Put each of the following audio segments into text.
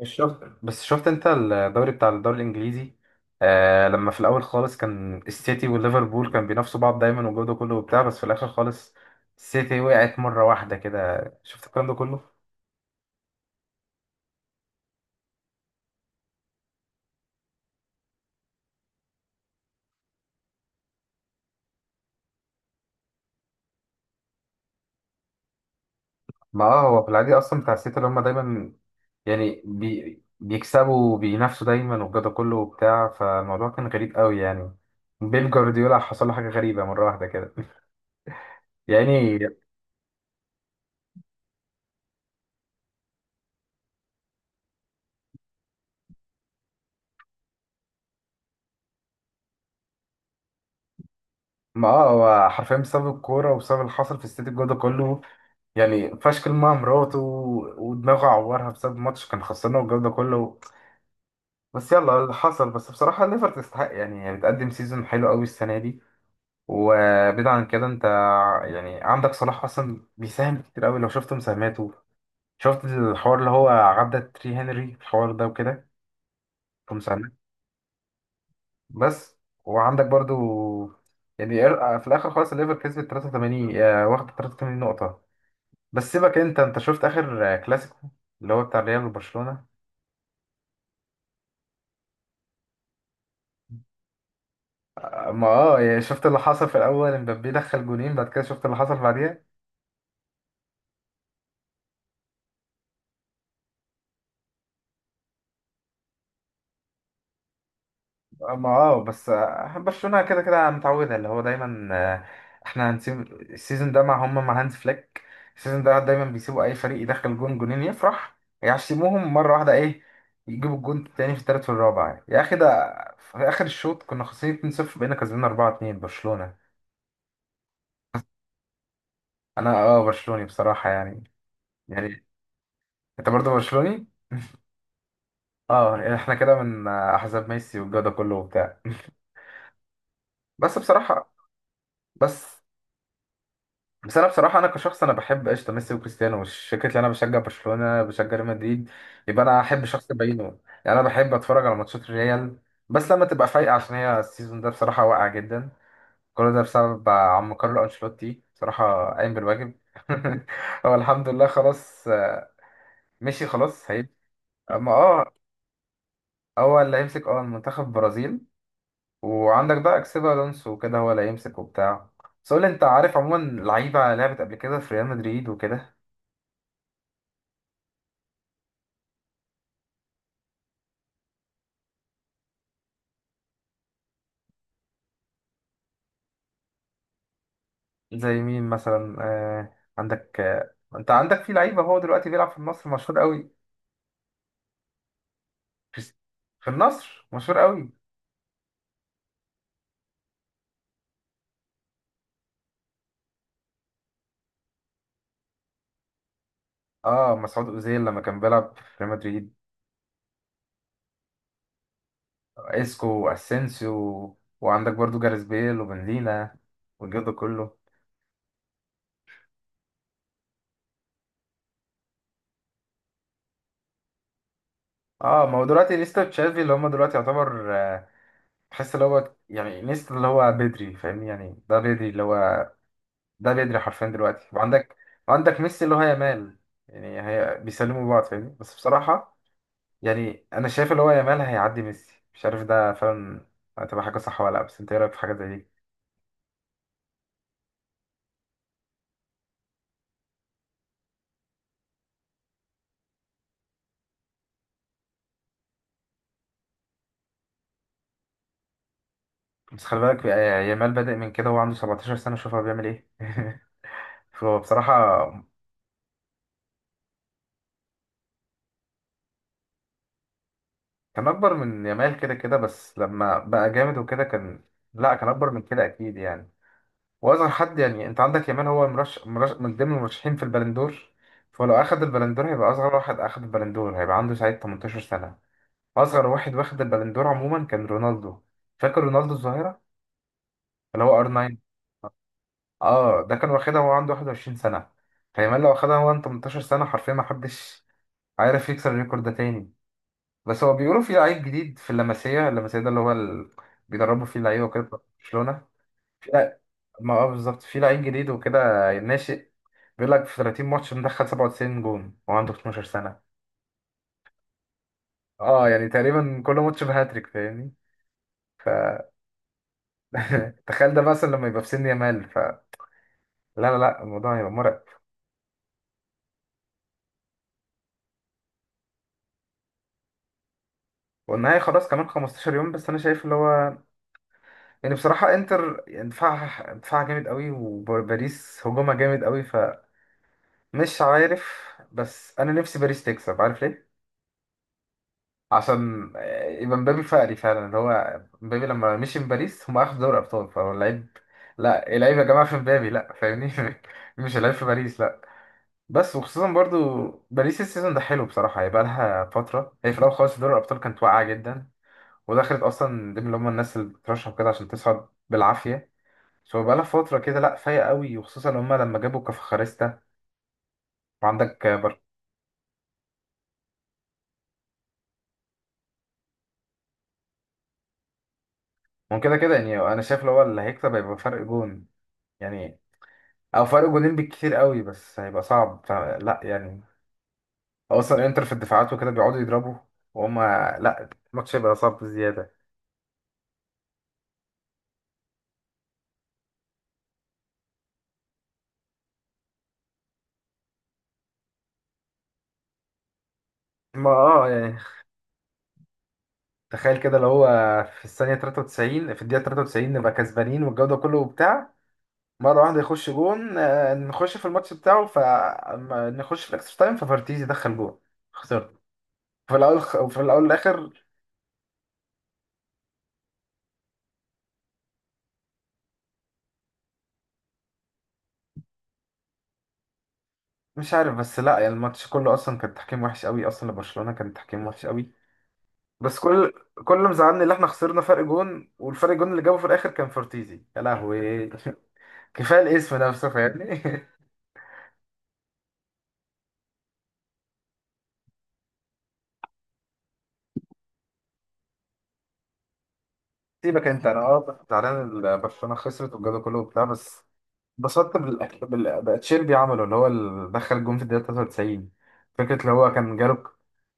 مش شفت، بس شفت انت الدوري بتاع الدوري الانجليزي. لما في الاول خالص كان السيتي والليفربول كان بينافسوا بعض دايما وجوده كله وبتاع، بس في الاخر خالص السيتي وقعت مره واحده كده، شفت الكلام ده كله. ما اه هو في العادي اصلا بتاع السيتي اللي هم دايما يعني بيكسبوا وبينافسوا دايما وجوده كله وبتاع، فالموضوع كان غريب قوي يعني. بيب جوارديولا حصل له حاجه غريبه مره واحده كده يعني. ما اه هو حرفيا بسبب الكوره وبسبب اللي حصل في السيتي الجو ده كله، يعني فشكل مع مراته ودماغه عورها بسبب ماتش كان خسرنا والجو ده كله. بس يلا اللي حصل، بس بصراحة ليفر تستحق يعني، هي بتقدم سيزون حلو قوي السنة دي. وبعيد عن كده انت يعني عندك صلاح اصلا بيساهم كتير قوي، لو شفت مساهماته. شفت الحوار اللي هو عدى تري هنري الحوار ده وكده، في مساهمات. بس وعندك برضو يعني، في الاخر خالص الليفر كسبت 83، واخد 83 نقطة. بس سيبك انت، انت شفت اخر كلاسيكو اللي هو بتاع ريال وبرشلونة؟ ما اه يعني شفت اللي حصل في الاول، امبابي دخل جونين، بعد كده شفت اللي حصل بعديها. ما اه بس برشلونة كده كده متعودة اللي هو دايما. آه، احنا هنسيب السيزون ده مع هم مع هانز فليك. السيزون ده دايما بيسيبوا اي فريق يدخل جون جونين يفرح، يعشموهم مرة واحدة، ايه، يجيبوا الجون التاني في التالت والرابع يعني. يا اخي ده في اخر الشوط كنا خسرانين 2-0، بقينا كسبانين 4-2 برشلونة. انا برشلوني بصراحة يعني. يعني انت برضه برشلوني؟ اه يعني احنا كده من احزاب ميسي والجو ده كله وبتاع. بس بصراحة، بس بس أنا بصراحة، أنا كشخص أنا بحب قشطة ميسي وكريستيانو، مش فكرة إن أنا بشجع برشلونة بشجع ريال مدريد يبقى أنا أحب شخص بعينه. يعني أنا بحب أتفرج على ماتشات الريال بس لما تبقى فايقة، عشان هي السيزون ده بصراحة واقع جدا. كل ده بسبب عم كارلو أنشيلوتي، بصراحة قايم بالواجب. هو الحمد لله خلاص، مشي، خلاص هيمشي. أما أه. هو اللي هيمسك أه المنتخب البرازيل. وعندك بقى اكسبي الونسو وكده هو اللي هيمسك وبتاع. بس قول لي، انت عارف عموما لعيبه لعبت قبل كده في ريال مدريد وكده؟ زي مين مثلا، عندك، انت عندك في لعيبه هو دلوقتي بيلعب في مصر مشهور قوي. كريس- في النصر مشهور قوي. اه، مسعود اوزيل لما كان بيلعب في ريال مدريد. اسكو واسينسيو، وعندك برضو جاريث بيل وبنزيما والجو ده كله. اه ما هو دلوقتي نيستا وتشافي اللي هم دلوقتي يعتبر تحس اللي هو يعني نيستا اللي هو بدري فاهمني، يعني ده بدري اللي هو، ده بدري حرفيا دلوقتي. وعندك، وعندك ميسي اللي هو يامال، يعني هي بيسلموا بعض فاهمني. بس بصراحة يعني، أنا شايف اللي هو يامال هيعدي ميسي، مش عارف ده فعلا هتبقى حاجة صح ولا لأ، بس أنت إيه رأيك في حاجة زي دي؟ بس خلي بالك يامال بادئ من كده وهو عنده 17 سنة، شوف هو بيعمل إيه. فهو بصراحة. كان أكبر من يامال كده كده بس لما بقى جامد وكده كان لأ، كان أكبر من كده أكيد يعني. واصغر حد يعني، انت عندك يامال هو من ضمن المرشحين في البلندور، فلو اخد البلندور هيبقى اصغر واحد اخد البلندور، هيبقى عنده ساعتها 18 سنه. اصغر واحد واخد البلندور عموما كان رونالدو، فاكر رونالدو الظاهره اللي هو ار 9؟ اه ده كان واخدها وهو عنده 21 سنه، فيامال لو اخدها وهو عنده 18 سنه حرفيا ما حدش عارف يكسر الريكورد ده تاني. بس هو بيقولوا في لعيب جديد في اللمسيه ده اللي هو ال... بيدربوا فيه اللعيبه وكده بتاع برشلونه. في لع- ما اه بالظبط، في لعيب جديد وكده ناشئ، بيقول لك في 30 ماتش مدخل 97 جون، هو عنده 12 سنة. اه يعني تقريبا كل ماتش بهاتريك فاهمني. فتخيل ده مثلا لما يبقى في سن يامال، فلا، لا، الموضوع هيبقى مرعب. والنهائي خلاص كمان 15 يوم. بس انا شايف اللي هو يعني، بصراحة انتر دفاعها جامد قوي، وباريس هجومها جامد قوي، فمش عارف. بس انا نفسي باريس تكسب، عارف ليه؟ عشان يبقى مبابي فقري فعلا. اللي هو مبابي لما مشي من باريس هم اخدوا دوري ابطال، فهو اللعيب. لا، اللعيب يا جماعه في مبابي، لا، فاهمني. مش اللعيب في باريس، لا. بس وخصوصا برضو، باريس السيزون ده حلو بصراحه، هيبقى لها فتره. هي في الاول خالص دوري الابطال كانت واقعه جدا، ودخلت اصلا ضمن اللي هم الناس اللي بترشح كده عشان تصعد بالعافيه. سو بقى لها فتره كده، لا فايقه قوي، وخصوصا هم لما جابوا كفخاريستا. وعندك وكده كده يعني، انا شايف اللي هو اللي هيكسب هيبقى فرق جون يعني، او فرق جولين بالكتير قوي. بس هيبقى صعب، فلا يعني. اصلا انتر في الدفاعات وكده بيقعدوا يضربوا، وهم، لا، الماتش هيبقى صعب بزياده. ما اه يعني تخيل كده، لو هو في الثانيه 93 في الدقيقه 93 نبقى كسبانين والجو ده كله وبتاع، مره واحده يخش جون، نخش في الماتش بتاعه، فنخش في الاكسترا تايم، ففارتيز يدخل جون، خسرت في الاول، وفي الاول والاخر. مش عارف، بس لا يعني الماتش كله اصلا كان تحكيم وحش قوي، اصلا لبرشلونه كان تحكيم وحش قوي. بس كل، كل اللي مزعلني اللي احنا خسرنا فرق جون، والفرق جون اللي جابه في الاخر كان فورتيزي، يا لهوي. كفايه الاسم نفسه فاهمني. سيبك انت، انا زعلان برشلونه خسرت والجو ده كله وبتاع، بس اتبسطت بقى تشيربي عمله اللي هو اللي دخل الجون في الدقيقه 93. فكره اللي هو كان جاله،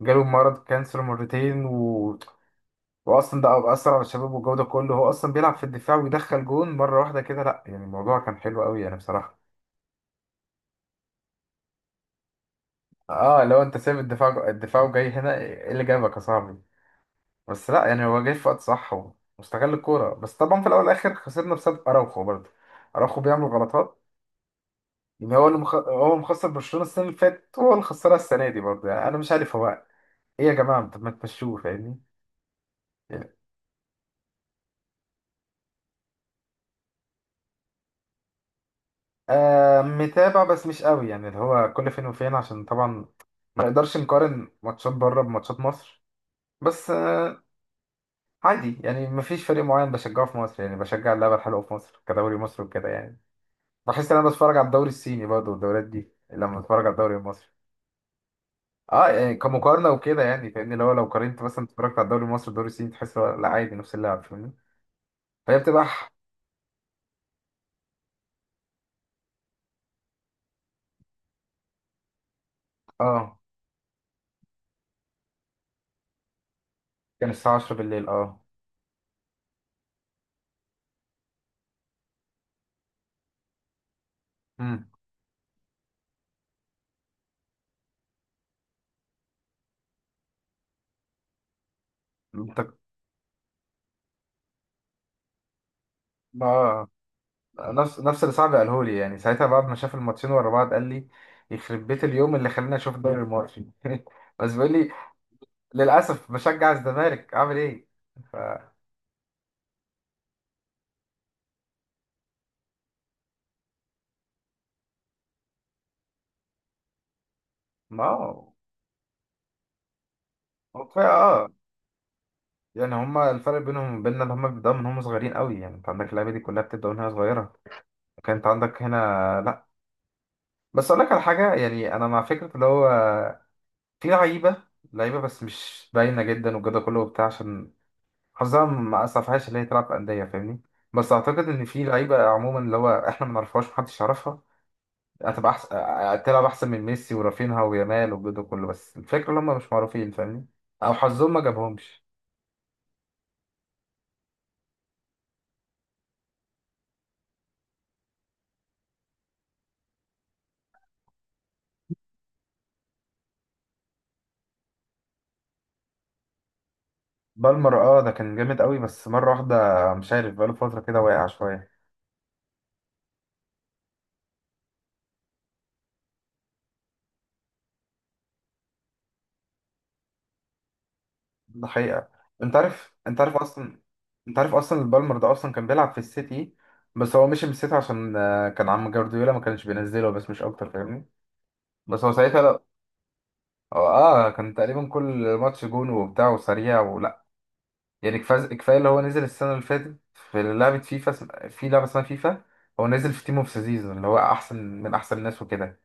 جاله مرض كانسر مرتين، و... واصلا ده اثر على الشباب والجو ده كله، هو اصلا بيلعب في الدفاع ويدخل جون مره واحده كده، لا يعني الموضوع كان حلو قوي يعني بصراحه. اه، لو انت سايب الدفاع، الدفاع، وجاي هنا ايه اللي جابك يا صاحبي؟ بس لا يعني هو جاي في وقت صح، واستغل الكوره. بس طبعا في الاول والاخر خسرنا بسبب اراوخو برضه، اراوخو بيعمل غلطات. يعني هو اللي هو اللي مخسر برشلونه السنه اللي فاتت وهو اللي خسرها السنه دي برضه، يعني انا مش عارف هو ايه يا جماعه، طب ما تمشوه فاهمني يعني. متابع بس مش قوي، يعني اللي هو كل فين وفين، عشان طبعا ما نقدرش نقارن ماتشات بره بماتشات مصر، بس، عادي يعني. مفيش فريق معين بشجعه في مصر، يعني بشجع اللعبة الحلوة في مصر كدوري مصر وكده يعني. بحس ان انا بتفرج على الدوري الصيني برضه، والدوريات دي لما بتفرج على الدوري المصري، اه يعني كمقارنة وكده يعني فاهمني، اللي هو لو قارنت مثلا اتفرجت على الدوري المصري والدوري الصيني تحس هو، لا، عادي، نفس اللعب فاهمني. فهي بتبقى اه، كان الساعة 10 بالليل، اه. امم. انت، اه، نفس اللي صاحبي قاله لي يعني، ساعتها بعد ما شاف الماتشين ورا بعض قال لي: يخرب بيت اليوم اللي خلاني اشوف الدوري المصري. بس بيقول لي: للأسف بشجع الزمالك، أعمل إيه؟ ف. ما هو، كفاية أه، يعني هما الفرق بينهم وبيننا إن هما بيبدأوا من هما صغيرين قوي، يعني أنت عندك اللعيبة دي كلها بتبدأ من وهي صغيرة. وكان أنت عندك هنا. لأ، بس أقول لك على حاجة، يعني أنا مع فكرة اللي هو في لعيبة، لعيبة بس مش باينة جدا والجو ده كله وبتاع، عشان حظها ما أسعفهاش اللي هي تلعب في أندية، فاهمني. بس أعتقد إن في لعيبة عموما اللي هو إحنا ما نعرفهاش محدش يعرفها، هتبقى احسن، تلعب احسن من ميسي ورافينها ويامال والجو ده كله، بس الفكره ان هم مش معروفين فاهمني، او حظهم ما جابهمش. بالمر، اه، ده كان جامد قوي، بس مره واحده مش عارف بقاله فتره كده واقع شويه. ده حقيقه. انت عارف، انت عارف اصلا، انت عارف اصلا البالمر ده اصلا كان بيلعب في السيتي، بس هو مشي من السيتي عشان كان عم جوارديولا ما كانش بينزله بس، مش اكتر فاهمني. بس هو ساعتها لا، اه، كان تقريبا كل ماتش جون وبتاع، وسريع يعني. كفايه اللي هو نزل السنه اللي فاتت في لعبه فيفا، في لعبه اسمها فيفا، هو نزل في تيم اوف ذا سيزون اللي هو احسن، من احسن الناس وكده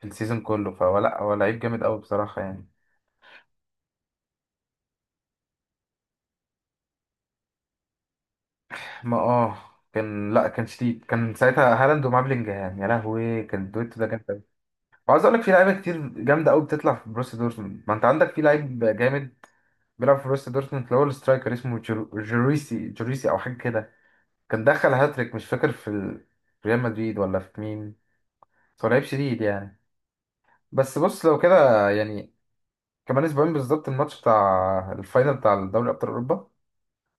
في السيزون كله، فهو لا، هو لعيب جامد قوي بصراحه يعني. ما اه كان لا كان شديد، كان ساعتها هالاند ومعاه بلينجهام، يا لهوي، كان الدويتو ده جامد قوي. وعاوز اقول لك في لعيبه كتير جامده قوي بتطلع في بروسيا دورتموند، ما انت عندك في لعيب جامد بيلعب في بروسيا دورتموند اللي هو السترايكر اسمه جوريسي، جوريسي او حاجه كده، كان دخل هاتريك مش فاكر في في ريال مدريد ولا في مين، بس هو لعيب شديد يعني. بس بص، لو كده يعني كمان اسبوعين بالظبط الماتش بتاع الفاينل بتاع دوري ابطال اوروبا،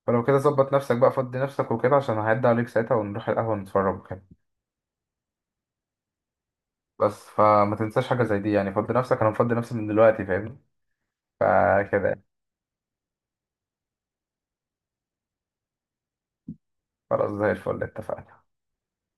فلو كده ظبط نفسك بقى، فضي نفسك وكده، عشان هعدي عليك ساعتها ونروح القهوة نتفرج وكده. بس فما تنساش حاجة زي دي، يعني فضي نفسك، انا مفضي نفسي من دلوقتي فاهمني، فكده يعني. خلاص زي الفل، اتفقنا.